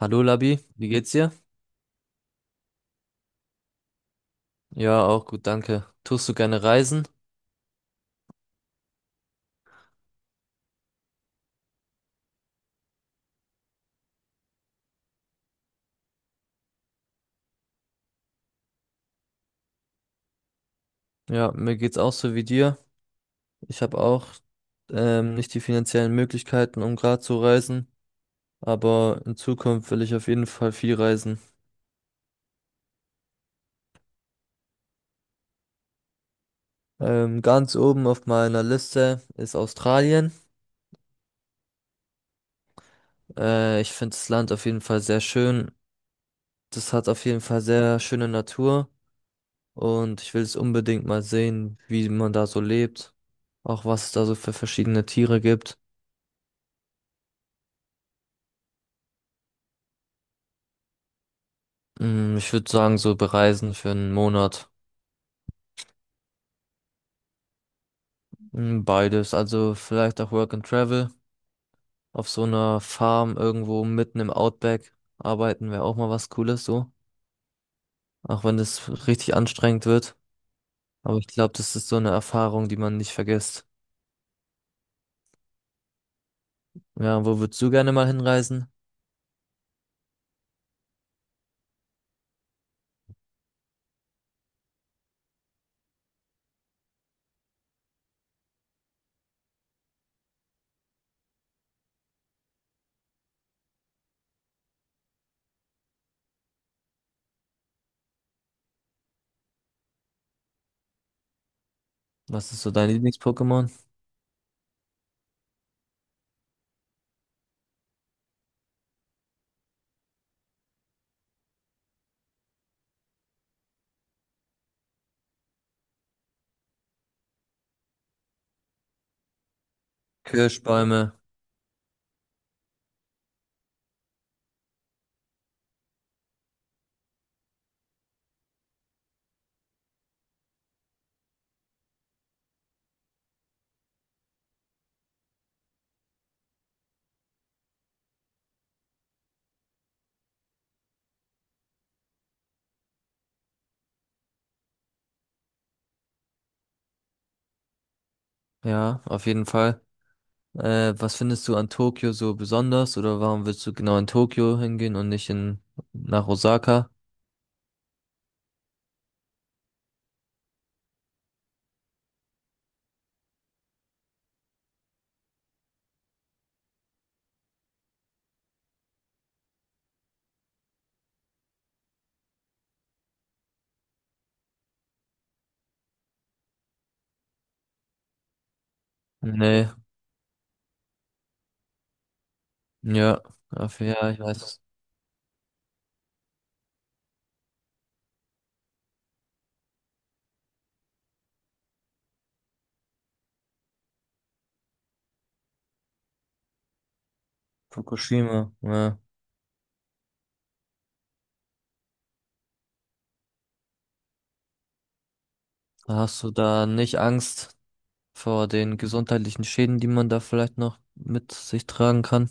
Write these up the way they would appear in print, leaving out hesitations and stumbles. Hallo Labi, wie geht's dir? Ja, auch gut, danke. Tust du gerne reisen? Ja, mir geht's auch so wie dir. Ich habe auch nicht die finanziellen Möglichkeiten, um gerade zu reisen, aber in Zukunft will ich auf jeden Fall viel reisen. Ganz oben auf meiner Liste ist Australien. Ich finde das Land auf jeden Fall sehr schön. Das hat auf jeden Fall sehr schöne Natur und ich will es unbedingt mal sehen, wie man da so lebt, auch was es da so für verschiedene Tiere gibt. Mm, ich würde sagen, so bereisen für einen Monat. Mm, beides. Also vielleicht auch Work and Travel. Auf so einer Farm irgendwo mitten im Outback arbeiten wäre auch mal was Cooles so. Auch wenn das richtig anstrengend wird. Aber ich glaube, das ist so eine Erfahrung, die man nicht vergisst. Ja, wo würdest du gerne mal hinreisen? Was ist so dein Lieblings-Pokémon? Kirschbäume. Ja, auf jeden Fall. Was findest du an Tokio so besonders? Oder warum willst du genau in Tokio hingehen und nicht in, nach Osaka? Nee. Ja, auf, ja, ich weiß. Fukushima, ja. Hast du da nicht Angst vor den gesundheitlichen Schäden, die man da vielleicht noch mit sich tragen kann?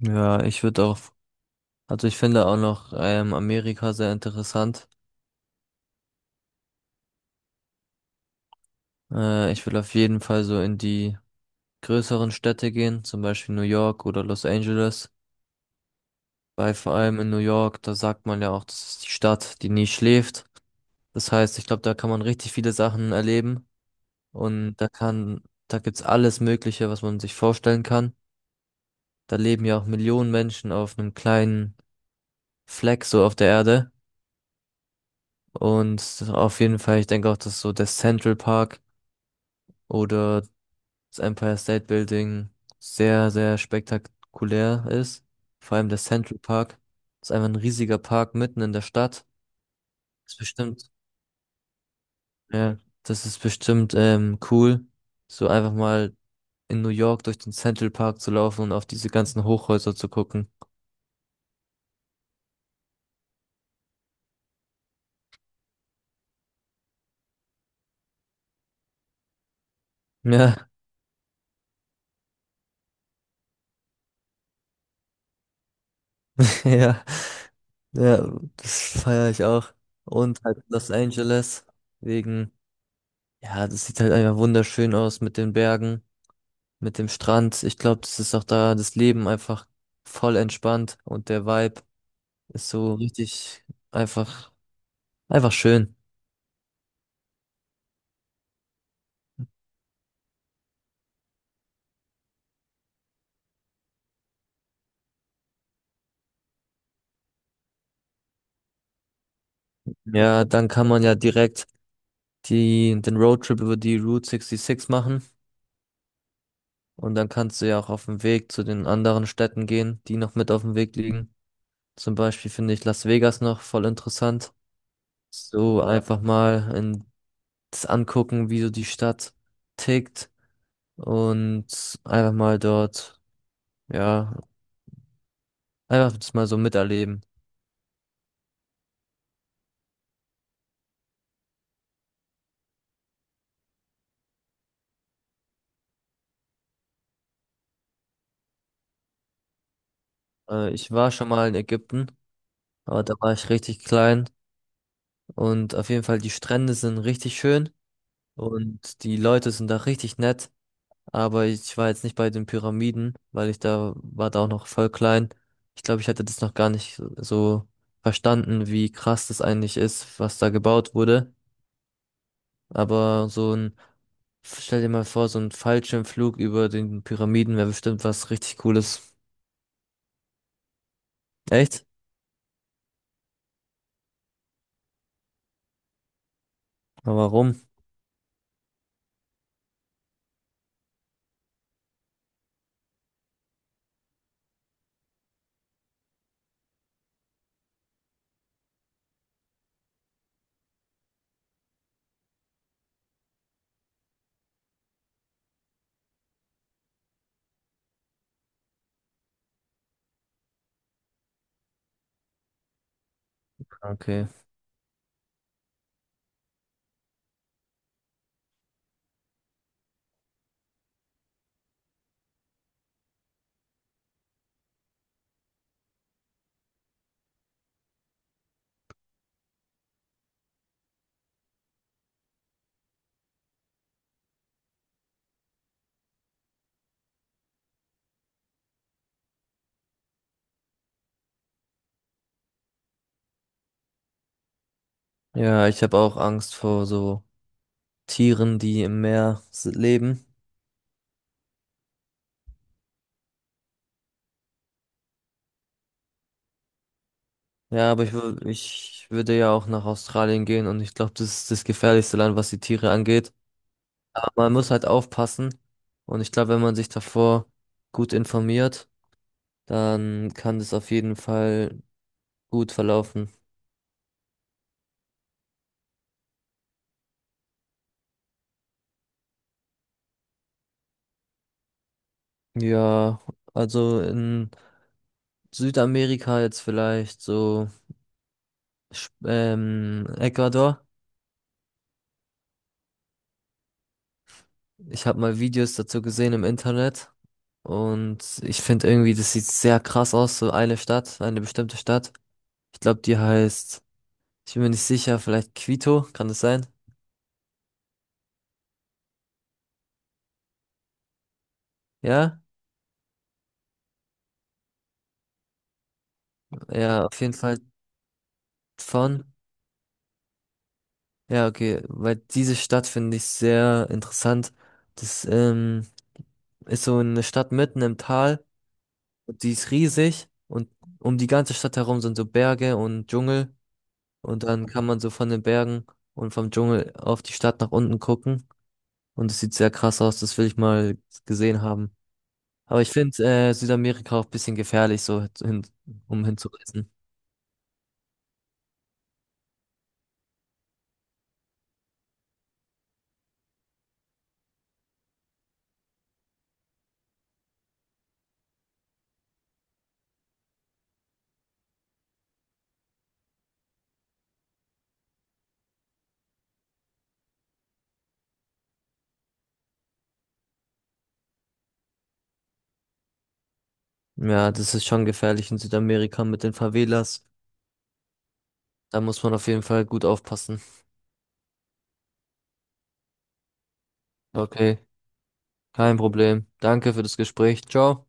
Ja, ich würde auch, also ich finde auch noch Amerika sehr interessant. Ich will auf jeden Fall so in die größeren Städte gehen, zum Beispiel New York oder Los Angeles. Weil vor allem in New York, da sagt man ja auch, das ist die Stadt, die nie schläft. Das heißt, ich glaube, da kann man richtig viele Sachen erleben. Und da kann, da gibt's alles Mögliche, was man sich vorstellen kann. Da leben ja auch Millionen Menschen auf einem kleinen Fleck so auf der Erde. Und auf jeden Fall, ich denke auch, dass so der Central Park oder das Empire State Building sehr, sehr spektakulär ist. Vor allem der Central Park ist einfach ein riesiger Park mitten in der Stadt. Ist bestimmt, ja, das ist bestimmt cool, so einfach mal in New York durch den Central Park zu laufen und auf diese ganzen Hochhäuser zu gucken. Ja, ja, ja, das feiere ich auch. Und halt Los Angeles, wegen, ja, das sieht halt einfach wunderschön aus mit den Bergen, mit dem Strand. Ich glaube, das ist auch da das Leben einfach voll entspannt und der Vibe ist so richtig einfach, einfach schön. Ja, dann kann man ja direkt den Roadtrip über die Route 66 machen und dann kannst du ja auch auf dem Weg zu den anderen Städten gehen, die noch mit auf dem Weg liegen. Zum Beispiel finde ich Las Vegas noch voll interessant. So einfach mal in, das angucken, wie so die Stadt tickt und einfach mal dort, ja, einfach das mal so miterleben. Ich war schon mal in Ägypten, aber da war ich richtig klein und auf jeden Fall die Strände sind richtig schön und die Leute sind da richtig nett, aber ich war jetzt nicht bei den Pyramiden, weil ich da war da auch noch voll klein. Ich glaube, ich hatte das noch gar nicht so verstanden, wie krass das eigentlich ist, was da gebaut wurde. Aber so ein, stell dir mal vor, so ein Fallschirmflug über den Pyramiden wäre bestimmt was richtig Cooles. Echt? Aber warum? Okay. Ja, ich habe auch Angst vor so Tieren, die im Meer leben. Ja, ich würde ja auch nach Australien gehen und ich glaube, das ist das gefährlichste Land, was die Tiere angeht. Aber man muss halt aufpassen und ich glaube, wenn man sich davor gut informiert, dann kann das auf jeden Fall gut verlaufen. Ja, also in Südamerika jetzt vielleicht, so Ecuador. Ich habe mal Videos dazu gesehen im Internet und ich finde irgendwie, das sieht sehr krass aus, so eine Stadt, eine bestimmte Stadt. Ich glaube, die heißt, ich bin mir nicht sicher, vielleicht Quito, kann das sein? Ja? Ja, auf jeden Fall von. Ja, okay, weil diese Stadt finde ich sehr interessant. Das ist so eine Stadt mitten im Tal, die ist riesig und um die ganze Stadt herum sind so Berge und Dschungel. Und dann kann man so von den Bergen und vom Dschungel auf die Stadt nach unten gucken. Und es sieht sehr krass aus, das will ich mal gesehen haben. Aber ich finde Südamerika auch ein bisschen gefährlich, um hinzureisen. Ja, das ist schon gefährlich in Südamerika mit den Favelas. Da muss man auf jeden Fall gut aufpassen. Okay, kein Problem. Danke für das Gespräch. Ciao.